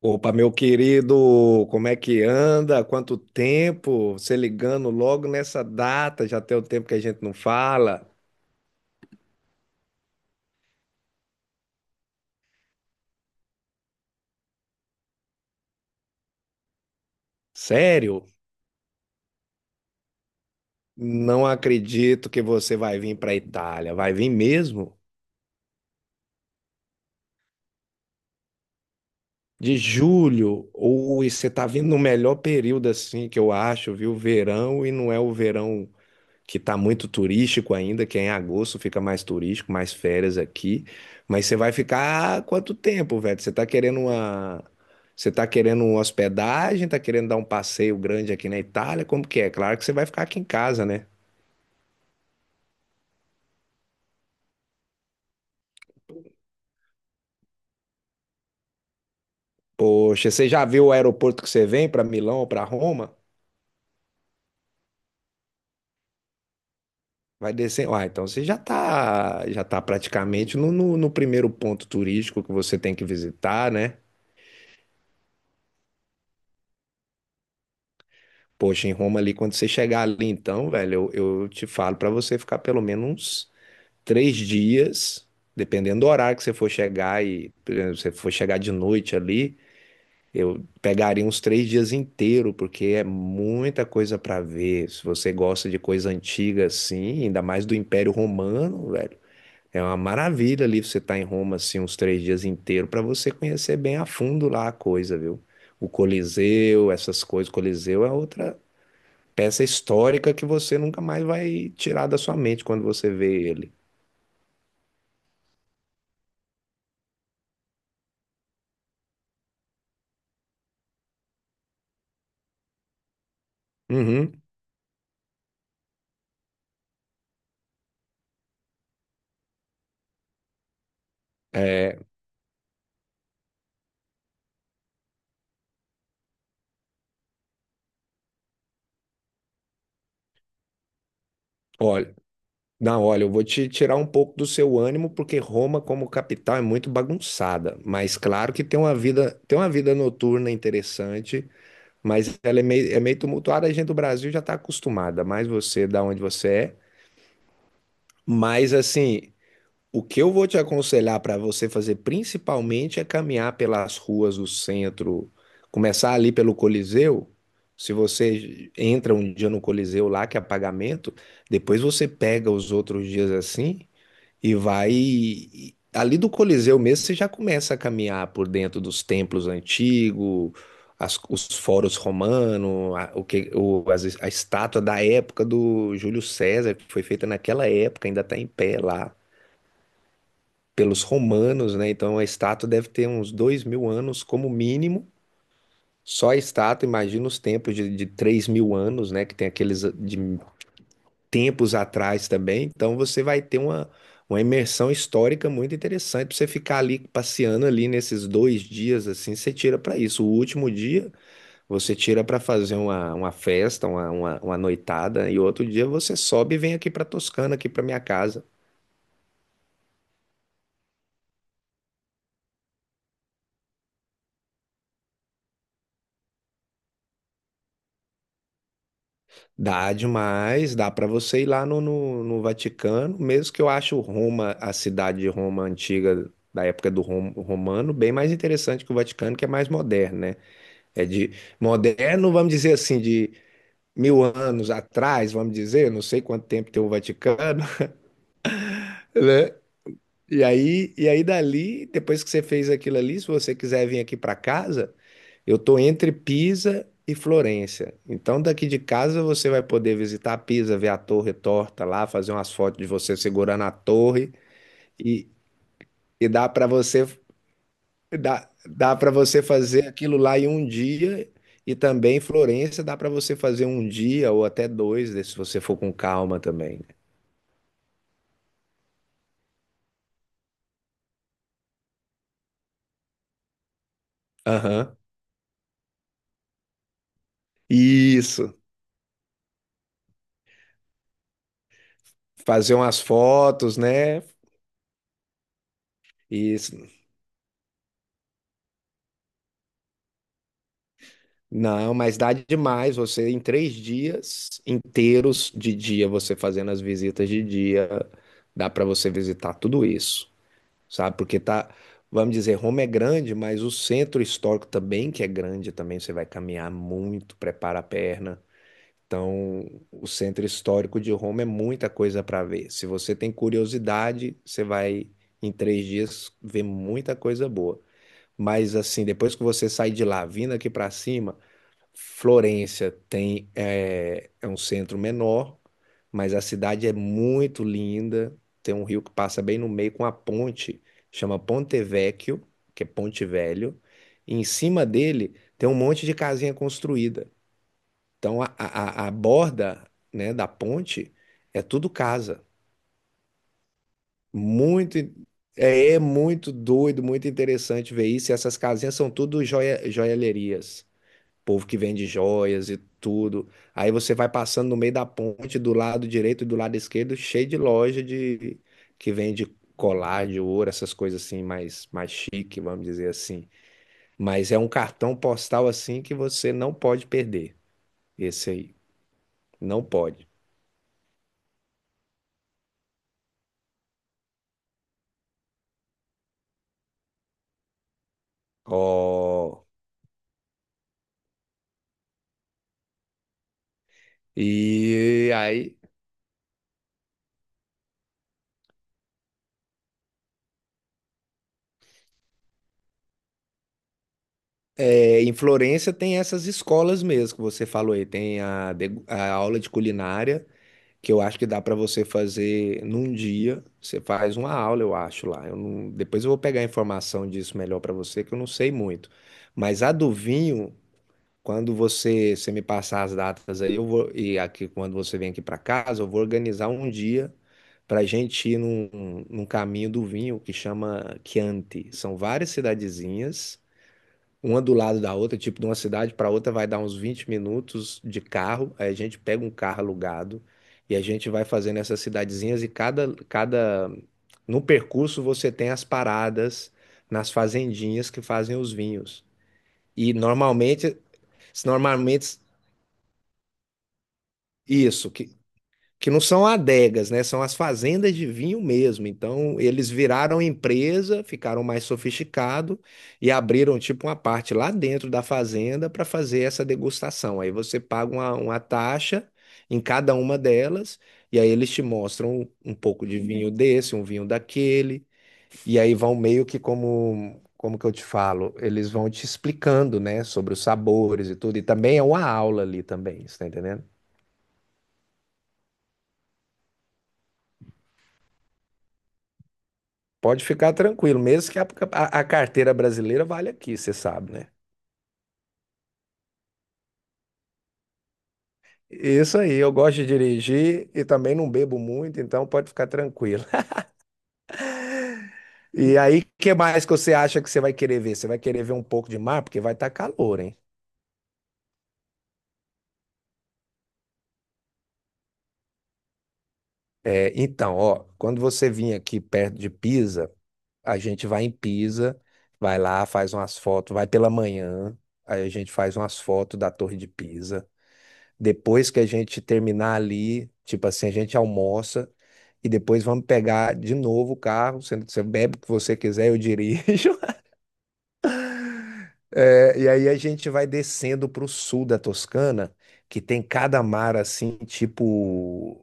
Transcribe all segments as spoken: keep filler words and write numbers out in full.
Opa, meu querido, como é que anda? Quanto tempo? Você ligando logo nessa data, já tem o tempo que a gente não fala. Sério? Não acredito que você vai vir para a Itália. Vai vir mesmo? De julho? Ou você tá vindo no melhor período assim que eu acho, viu? Verão e não é o verão que tá muito turístico ainda, que é em agosto fica mais turístico, mais férias aqui. Mas você vai ficar quanto tempo, velho? Você tá querendo uma. Você tá querendo uma hospedagem, tá querendo dar um passeio grande aqui na Itália? Como que é? Claro que você vai ficar aqui em casa, né? Poxa, você já viu o aeroporto que você vem para Milão ou para Roma? Vai descer. Ah, então você já tá, já tá praticamente no, no no primeiro ponto turístico que você tem que visitar, né? Poxa, em Roma ali, quando você chegar ali, então, velho, eu, eu te falo pra você ficar pelo menos uns três dias, dependendo do horário que você for chegar e, por exemplo, se você for chegar de noite ali, eu pegaria uns três dias inteiro, porque é muita coisa pra ver. Se você gosta de coisa antiga assim, ainda mais do Império Romano, velho, é uma maravilha ali você estar em Roma assim uns três dias inteiro pra você conhecer bem a fundo lá a coisa, viu? O Coliseu, essas coisas, Coliseu é outra peça histórica que você nunca mais vai tirar da sua mente quando você vê ele. Uhum. É, olha, não, olha, eu vou te tirar um pouco do seu ânimo, porque Roma, como capital, é muito bagunçada. Mas claro que tem uma vida, tem uma vida noturna interessante, mas ela é meio, é meio tumultuada. A gente do Brasil já está acostumada, mais você, da onde você é. Mas assim, o que eu vou te aconselhar para você fazer principalmente é caminhar pelas ruas do centro, começar ali pelo Coliseu. Se você entra um dia no Coliseu lá, que é pagamento, depois você pega os outros dias assim e vai. e- Ali do Coliseu mesmo, você já começa a caminhar por dentro dos templos antigos, as- os foros romanos, a, o que, o, as- a estátua da época do Júlio César, que foi feita naquela época, ainda está em pé lá pelos romanos, né? Então a estátua deve ter uns dois mil anos como mínimo. Só a estátua, imagina os tempos de, de 3 mil anos, né? Que tem aqueles ah, de tempos atrás também. Então você vai ter uma, uma imersão histórica muito interessante para você ficar ali passeando ali nesses dois dias assim. Você tira para isso. O último dia você tira para fazer uma, uma festa, uma, uma, uma noitada, e outro dia você sobe e vem aqui para Toscana, aqui para minha casa. Dá demais, dá para você ir lá no, no, no Vaticano, mesmo que eu acho Roma, a cidade de Roma antiga, da época do Rom- romano, bem mais interessante que o Vaticano, que é mais moderno, né? É de moderno, vamos dizer assim, de mil anos atrás, vamos dizer, não sei quanto tempo tem o Vaticano, né? E aí, e aí dali, depois que você fez aquilo ali, se você quiser vir aqui para casa, eu estou entre Pisa e Florença. Então, daqui de casa você vai poder visitar Pisa, ver a torre torta lá, fazer umas fotos de você segurando a torre e, e dá para você dá, dá para você fazer aquilo lá em um dia. E também Florença dá para você fazer um dia ou até dois, né, se você for com calma também. Né? Aham. Isso. Fazer umas fotos, né? Isso. Não, mas dá demais. Você em três dias inteiros de dia, você fazendo as visitas de dia, dá para você visitar tudo isso, sabe? Porque tá, vamos dizer, Roma é grande, mas o centro histórico também, que é grande, também você vai caminhar muito, prepara a perna. Então, o centro histórico de Roma é muita coisa para ver. Se você tem curiosidade, você vai em três dias ver muita coisa boa. Mas assim, depois que você sai de lá, vindo aqui para cima Florência tem é, é um centro menor, mas a cidade é muito linda. Tem um rio que passa bem no meio com a ponte, chama Ponte Vecchio, que é Ponte Velho. E em cima dele tem um monte de casinha construída. Então a, a, a borda, né, da ponte é tudo casa. Muito in- é, é muito doido, muito interessante ver isso. E essas casinhas são tudo joia, joalherias povo que vende joias e tudo. Aí você vai passando no meio da ponte, do lado direito e do lado esquerdo, cheio de loja de que vende colar de ouro, essas coisas assim mais mais chique, vamos dizer assim. Mas é um cartão postal assim que você não pode perder. Esse aí, não pode. Ó, e aí é, em Florença tem essas escolas mesmo que você falou aí, tem a, de- a aula de culinária que eu acho que dá para você fazer num dia. Você faz uma aula, eu acho lá. Eu não- Depois eu vou pegar a informação disso melhor para você, que eu não sei muito. Mas a do vinho, quando você, você me passar as datas aí, eu vou e aqui quando você vem aqui para casa, eu vou organizar um dia para a gente ir num, num caminho do vinho que chama Chianti. São várias cidadezinhas. Uma do lado da outra, tipo, de uma cidade para outra vai dar uns vinte minutos de carro. Aí a gente pega um carro alugado e a gente vai fazendo essas cidadezinhas e cada, cada... No percurso você tem as paradas nas fazendinhas que fazem os vinhos. E normalmente, normalmente isso, que que não são adegas, né? São as fazendas de vinho mesmo. Então, eles viraram empresa, ficaram mais sofisticado e abriram tipo uma parte lá dentro da fazenda para fazer essa degustação. Aí você paga uma, uma taxa em cada uma delas e aí eles te mostram um pouco de vinho desse, um vinho daquele. E aí vão meio que como como que eu te falo, eles vão te explicando, né, sobre os sabores e tudo. E também é uma aula ali também, você tá entendendo? Pode ficar tranquilo, mesmo que a, a- a carteira brasileira vale aqui, você sabe, né? Isso aí, eu gosto de dirigir e também não bebo muito, então pode ficar tranquilo. E aí, o que mais que você acha que você vai querer ver? Você vai querer ver um pouco de mar, porque vai estar calor, hein? É, então, ó, quando você vir aqui perto de Pisa, a gente vai em Pisa, vai lá, faz umas fotos, vai pela manhã, aí a gente faz umas fotos da Torre de Pisa. Depois que a gente terminar ali, tipo assim, a gente almoça e depois vamos pegar de novo o carro. Você, você bebe o que você quiser, eu dirijo. É, e aí a gente vai descendo para o sul da Toscana, que tem cada mar assim, tipo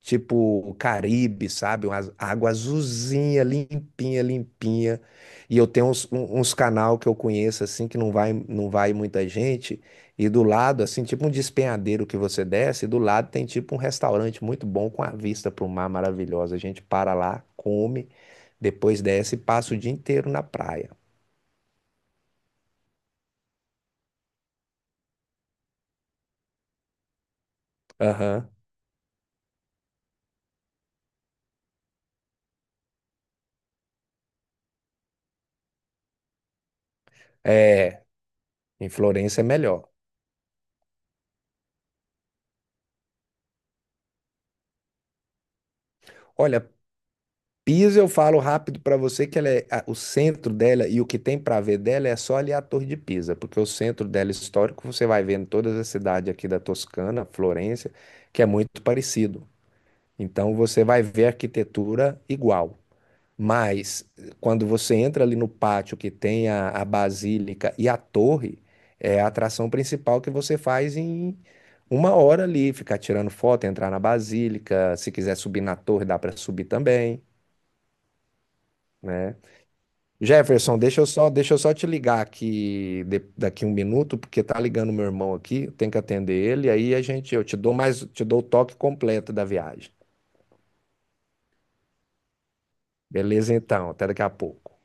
tipo Caribe, sabe? Uma az- água azulzinha, limpinha, limpinha. E eu tenho uns, um- uns canal que eu conheço assim que não vai não vai muita gente. E do lado assim, tipo um despenhadeiro que você desce, e do lado tem tipo um restaurante muito bom com a vista para o mar maravilhosa. A gente para lá, come, depois desce e passa o dia inteiro na praia. Aham. É. Em Florença é melhor. Olha, Pisa eu falo rápido para você que ela é, a- o centro dela e o que tem para ver dela é só ali a Torre de Pisa, porque o centro dela histórico você vai vendo todas as cidades aqui da Toscana, Florença, que é muito parecido. Então você vai ver arquitetura igual. Mas quando você entra ali no pátio que tem a, a basílica e a torre, é a atração principal que você faz em uma hora ali, ficar tirando foto, entrar na basílica, se quiser subir na torre, dá para subir também, né? Jefferson, deixa eu só, deixa eu só te ligar aqui de- daqui um minuto, porque tá ligando meu irmão aqui, eu tenho que atender ele, aí a gente, eu te dou mais, te dou o toque completo da viagem. Beleza, então, até daqui a pouco.